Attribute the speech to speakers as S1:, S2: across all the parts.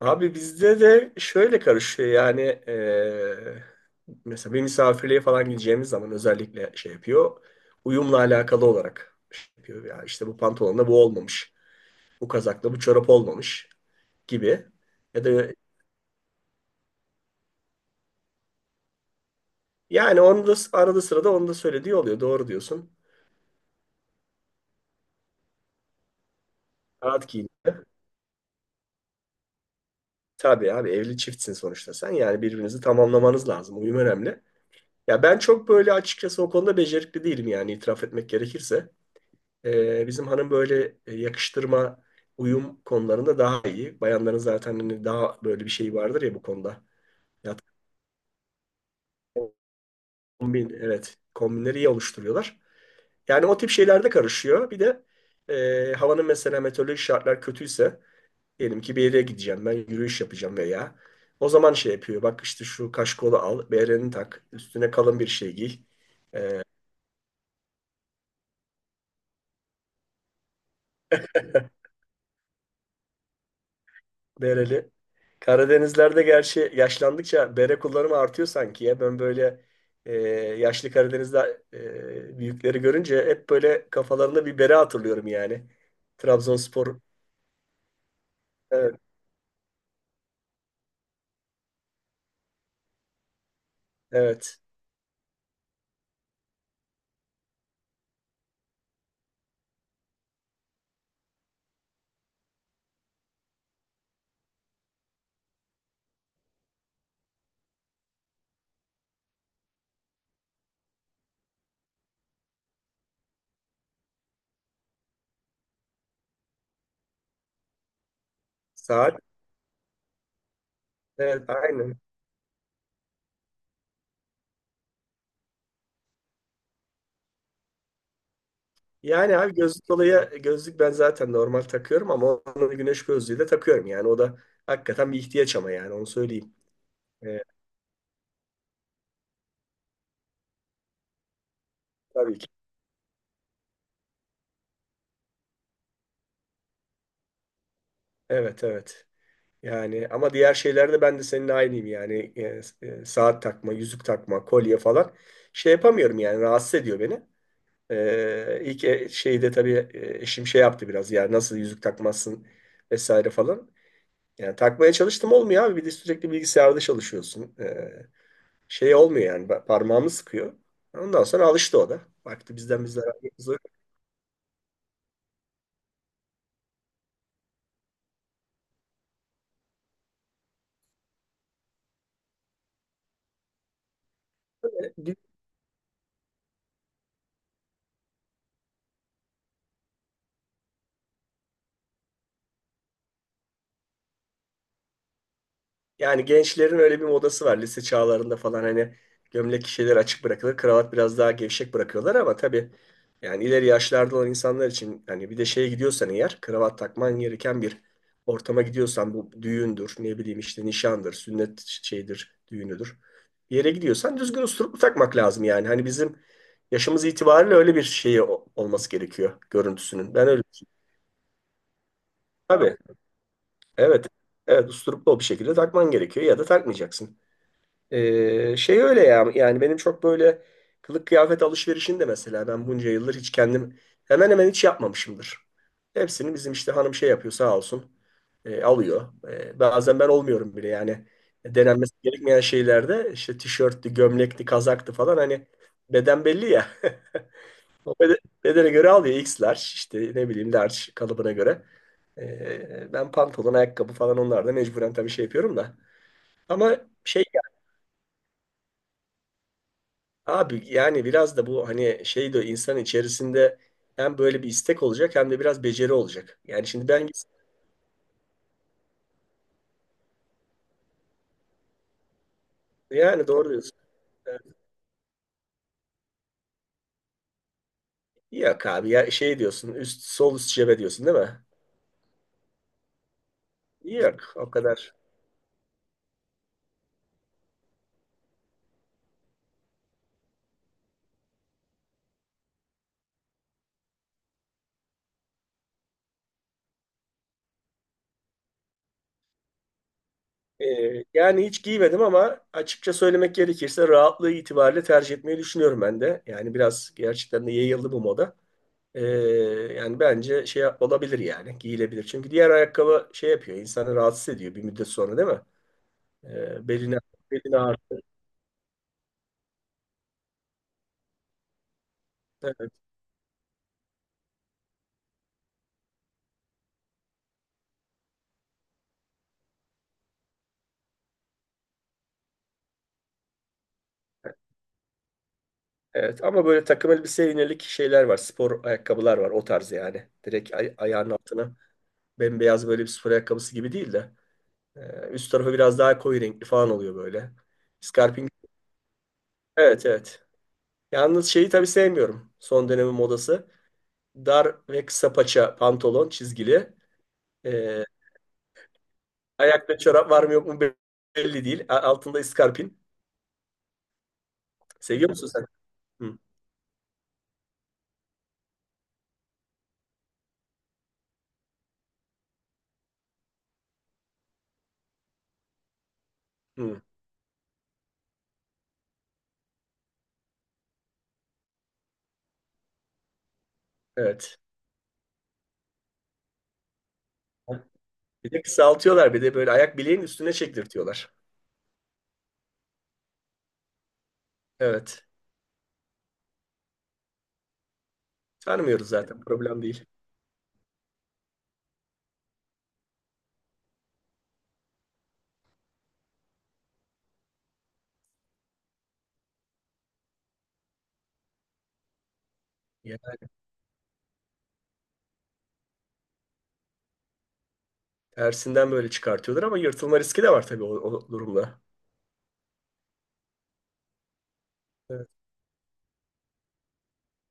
S1: Abi bizde de şöyle karışıyor yani eee, mesela bir misafirliğe falan gideceğimiz zaman özellikle şey yapıyor. Uyumla alakalı olarak şey yapıyor. Ya işte bu pantolonla bu olmamış. Bu kazakla bu çorap olmamış gibi. Ya da yani onu da arada sırada onu da söylediği oluyor. Doğru diyorsun. Rahat giyin. Tabii abi evli çiftsin sonuçta sen. Yani birbirinizi tamamlamanız lazım. Uyum önemli. Ya ben çok böyle açıkçası o konuda becerikli değilim yani itiraf etmek gerekirse. Bizim hanım böyle yakıştırma, uyum konularında daha iyi. Bayanların zaten hani daha böyle bir şey vardır ya bu konuda. Ya, kombin, evet, kombinleri iyi oluşturuyorlar. Yani o tip şeylerde karışıyor. Bir de havanın mesela meteorolojik şartlar kötüyse, diyelim ki bir yere gideceğim ben yürüyüş yapacağım veya o zaman şey yapıyor. Bak işte şu kaşkolu al, bereni tak, üstüne kalın bir şey giy. Bereli. Karadenizlerde gerçi yaşlandıkça bere kullanımı artıyor sanki ya. Ben böyle e, yaşlı Karadeniz'de büyükleri görünce hep böyle kafalarında bir bere hatırlıyorum yani. Trabzonspor. Evet. Evet. Saat. Evet, aynen. Yani abi gözlük dolayı gözlük ben zaten normal takıyorum ama onun güneş gözlüğü de takıyorum yani. O da hakikaten bir ihtiyaç ama yani onu söyleyeyim. E, tabii ki. Evet, evet. Yani ama diğer şeylerde ben de seninle aynıyım yani E, saat takma, yüzük takma, kolye falan şey yapamıyorum yani rahatsız ediyor beni. E, şeyde tabii eşim şey yaptı biraz ya nasıl yüzük takmazsın vesaire falan. Yani takmaya çalıştım olmuyor abi bir de sürekli bilgisayarda çalışıyorsun. E, şey olmuyor yani parmağımı sıkıyor. Ondan sonra alıştı o da. Baktı bizden bizler. Yani gençlerin öyle bir modası var lise çağlarında falan hani gömlek şeyler açık bırakılır, kravat biraz daha gevşek bırakıyorlar ama tabii yani ileri yaşlarda olan insanlar için hani bir de şeye gidiyorsan eğer kravat takman gereken bir ortama gidiyorsan bu düğündür, ne bileyim işte nişandır, sünnet şeydir, düğünüdür. Bir yere gidiyorsan düzgün usturup takmak lazım yani. Hani bizim yaşımız itibariyle öyle bir şeyi olması gerekiyor görüntüsünün. Ben öyle düşünüyorum. Tabii. Evet. Evet, usturuplu bir şekilde takman gerekiyor ya da takmayacaksın. Şey öyle ya yani benim çok böyle kılık kıyafet alışverişini de mesela ben bunca yıldır hiç kendim hemen hemen hiç yapmamışımdır. Hepsini bizim işte hanım şey yapıyor sağ olsun alıyor. E, bazen ben olmuyorum bile yani denenmesi gerekmeyen şeylerde işte tişörttü, gömlekti, kazaktı falan hani beden belli ya. O bedene göre alıyor X large işte ne bileyim large kalıbına göre. E, ben pantolon, ayakkabı falan onlarda mecburen tabii şey yapıyorum da. Ama şey, abi yani biraz da bu hani şey de insan içerisinde hem böyle bir istek olacak hem de biraz beceri olacak. Yani şimdi ben yani doğru diyorsun. Evet. Yok abi ya şey diyorsun üst sol üst cebe diyorsun değil mi? Yok o kadar. Yani hiç giymedim ama açıkça söylemek gerekirse rahatlığı itibariyle tercih etmeyi düşünüyorum ben de. Yani biraz gerçekten de yayıldı bu moda. Ee, Yani bence olabilir yani giyilebilir. Çünkü diğer ayakkabı şey yapıyor insanı rahatsız ediyor bir müddet sonra değil mi? E, beline, Beline ağrıtır. Evet. Evet. Ama böyle takım elbiseye yönelik şeyler var. Spor ayakkabılar var. O tarz yani. Direkt ayağının altına bembeyaz böyle bir spor ayakkabısı gibi değil de. Üst tarafı biraz daha koyu renkli falan oluyor böyle. Scarping. Evet, evet. Yalnız şeyi tabii sevmiyorum. Son dönemin modası. Dar ve kısa paça pantolon çizgili. E, ayakta çorap var mı yok mu belli değil. Altında iskarpin. Seviyor musun sen? Hı, hı. Evet. Bir de kısaltıyorlar. Bir de böyle ayak bileğin üstüne çektirtiyorlar. Evet. Tanımıyoruz zaten. Problem değil. Yani tersinden böyle çıkartıyorlar ama yırtılma riski de var tabii o durumda. Evet.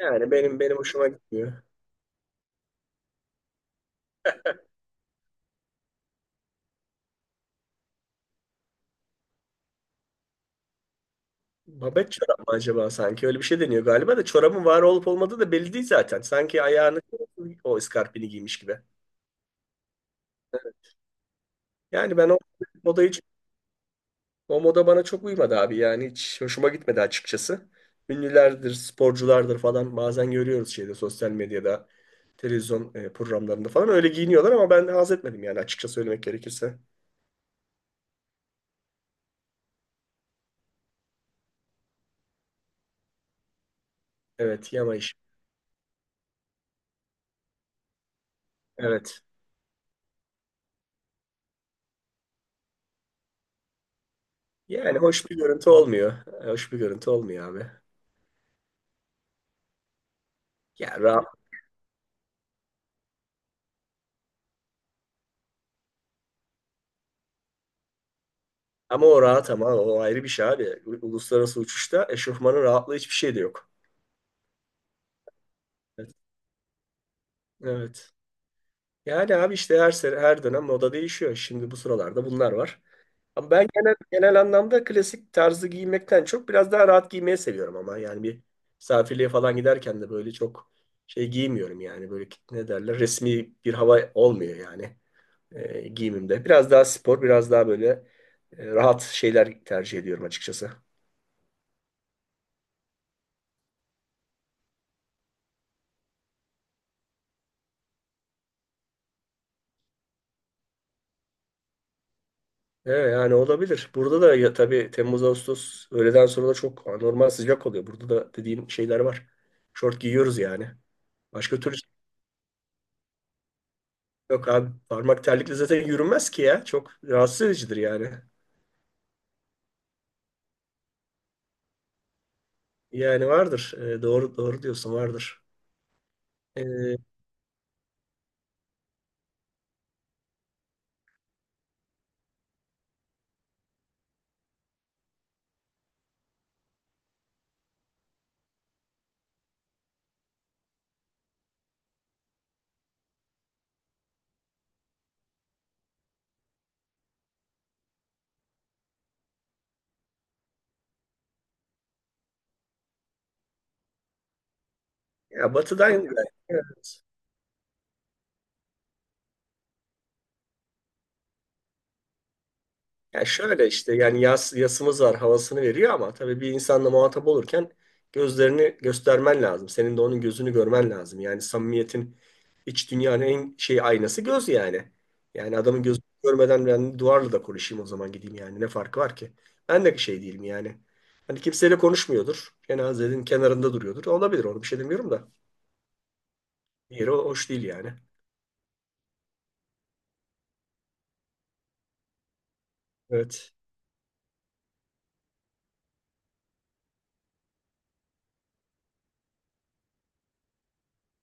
S1: Yani benim hoşuma gitmiyor. Babet çorap mı acaba sanki? Öyle bir şey deniyor galiba da çorabın var olup olmadığı da belli değil zaten. Sanki ayağını o iskarpini giymiş gibi. Yani ben o odayı O moda bana çok uymadı abi yani hiç hoşuma gitmedi açıkçası. Ünlülerdir, sporculardır falan bazen görüyoruz şeyde sosyal medyada, televizyon programlarında falan öyle giyiniyorlar ama ben haz etmedim yani açıkça söylemek gerekirse. Evet, yama iş. Evet. Yani hoş bir görüntü olmuyor. E, hoş bir görüntü olmuyor abi. Ya rahat. Ama o rahat ama o ayrı bir şey abi. Uluslararası uçuşta eşofmanın rahatlığı hiçbir şey de yok. Evet. Evet. Yani abi işte her sene, her dönem moda değişiyor. Şimdi bu sıralarda bunlar var. Ama ben genel anlamda klasik tarzı giymekten çok biraz daha rahat giymeyi seviyorum ama yani bir misafirliğe falan giderken de böyle çok şey giymiyorum yani böyle ne derler resmi bir hava olmuyor yani giyimimde. Biraz daha spor, biraz daha böyle rahat şeyler tercih ediyorum açıkçası. Evet, yani olabilir. Burada da ya, tabii Temmuz Ağustos öğleden sonra da çok anormal sıcak oluyor. Burada da dediğin şeyler var. Şort giyiyoruz yani. Başka türlü şey yok abi. Parmak terlikle zaten yürünmez ki ya. Çok rahatsız edicidir yani. Yani vardır. Doğru, doğru diyorsun vardır. Ee, ya batıdan evet. Ya şöyle işte yani yasımız var havasını veriyor ama tabii bir insanla muhatap olurken gözlerini göstermen lazım. Senin de onun gözünü görmen lazım. Yani samimiyetin iç dünyanın en şey aynası göz yani. Yani adamın gözünü görmeden ben duvarla da konuşayım o zaman gideyim yani ne farkı var ki? Ben de şey değilim yani. Hani kimseyle konuşmuyordur. Cenazenin kenarında duruyordur. Olabilir onu bir şey demiyorum da. Yeri hoş değil yani. Evet.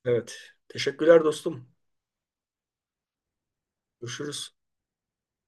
S1: Evet. Teşekkürler dostum. Görüşürüz.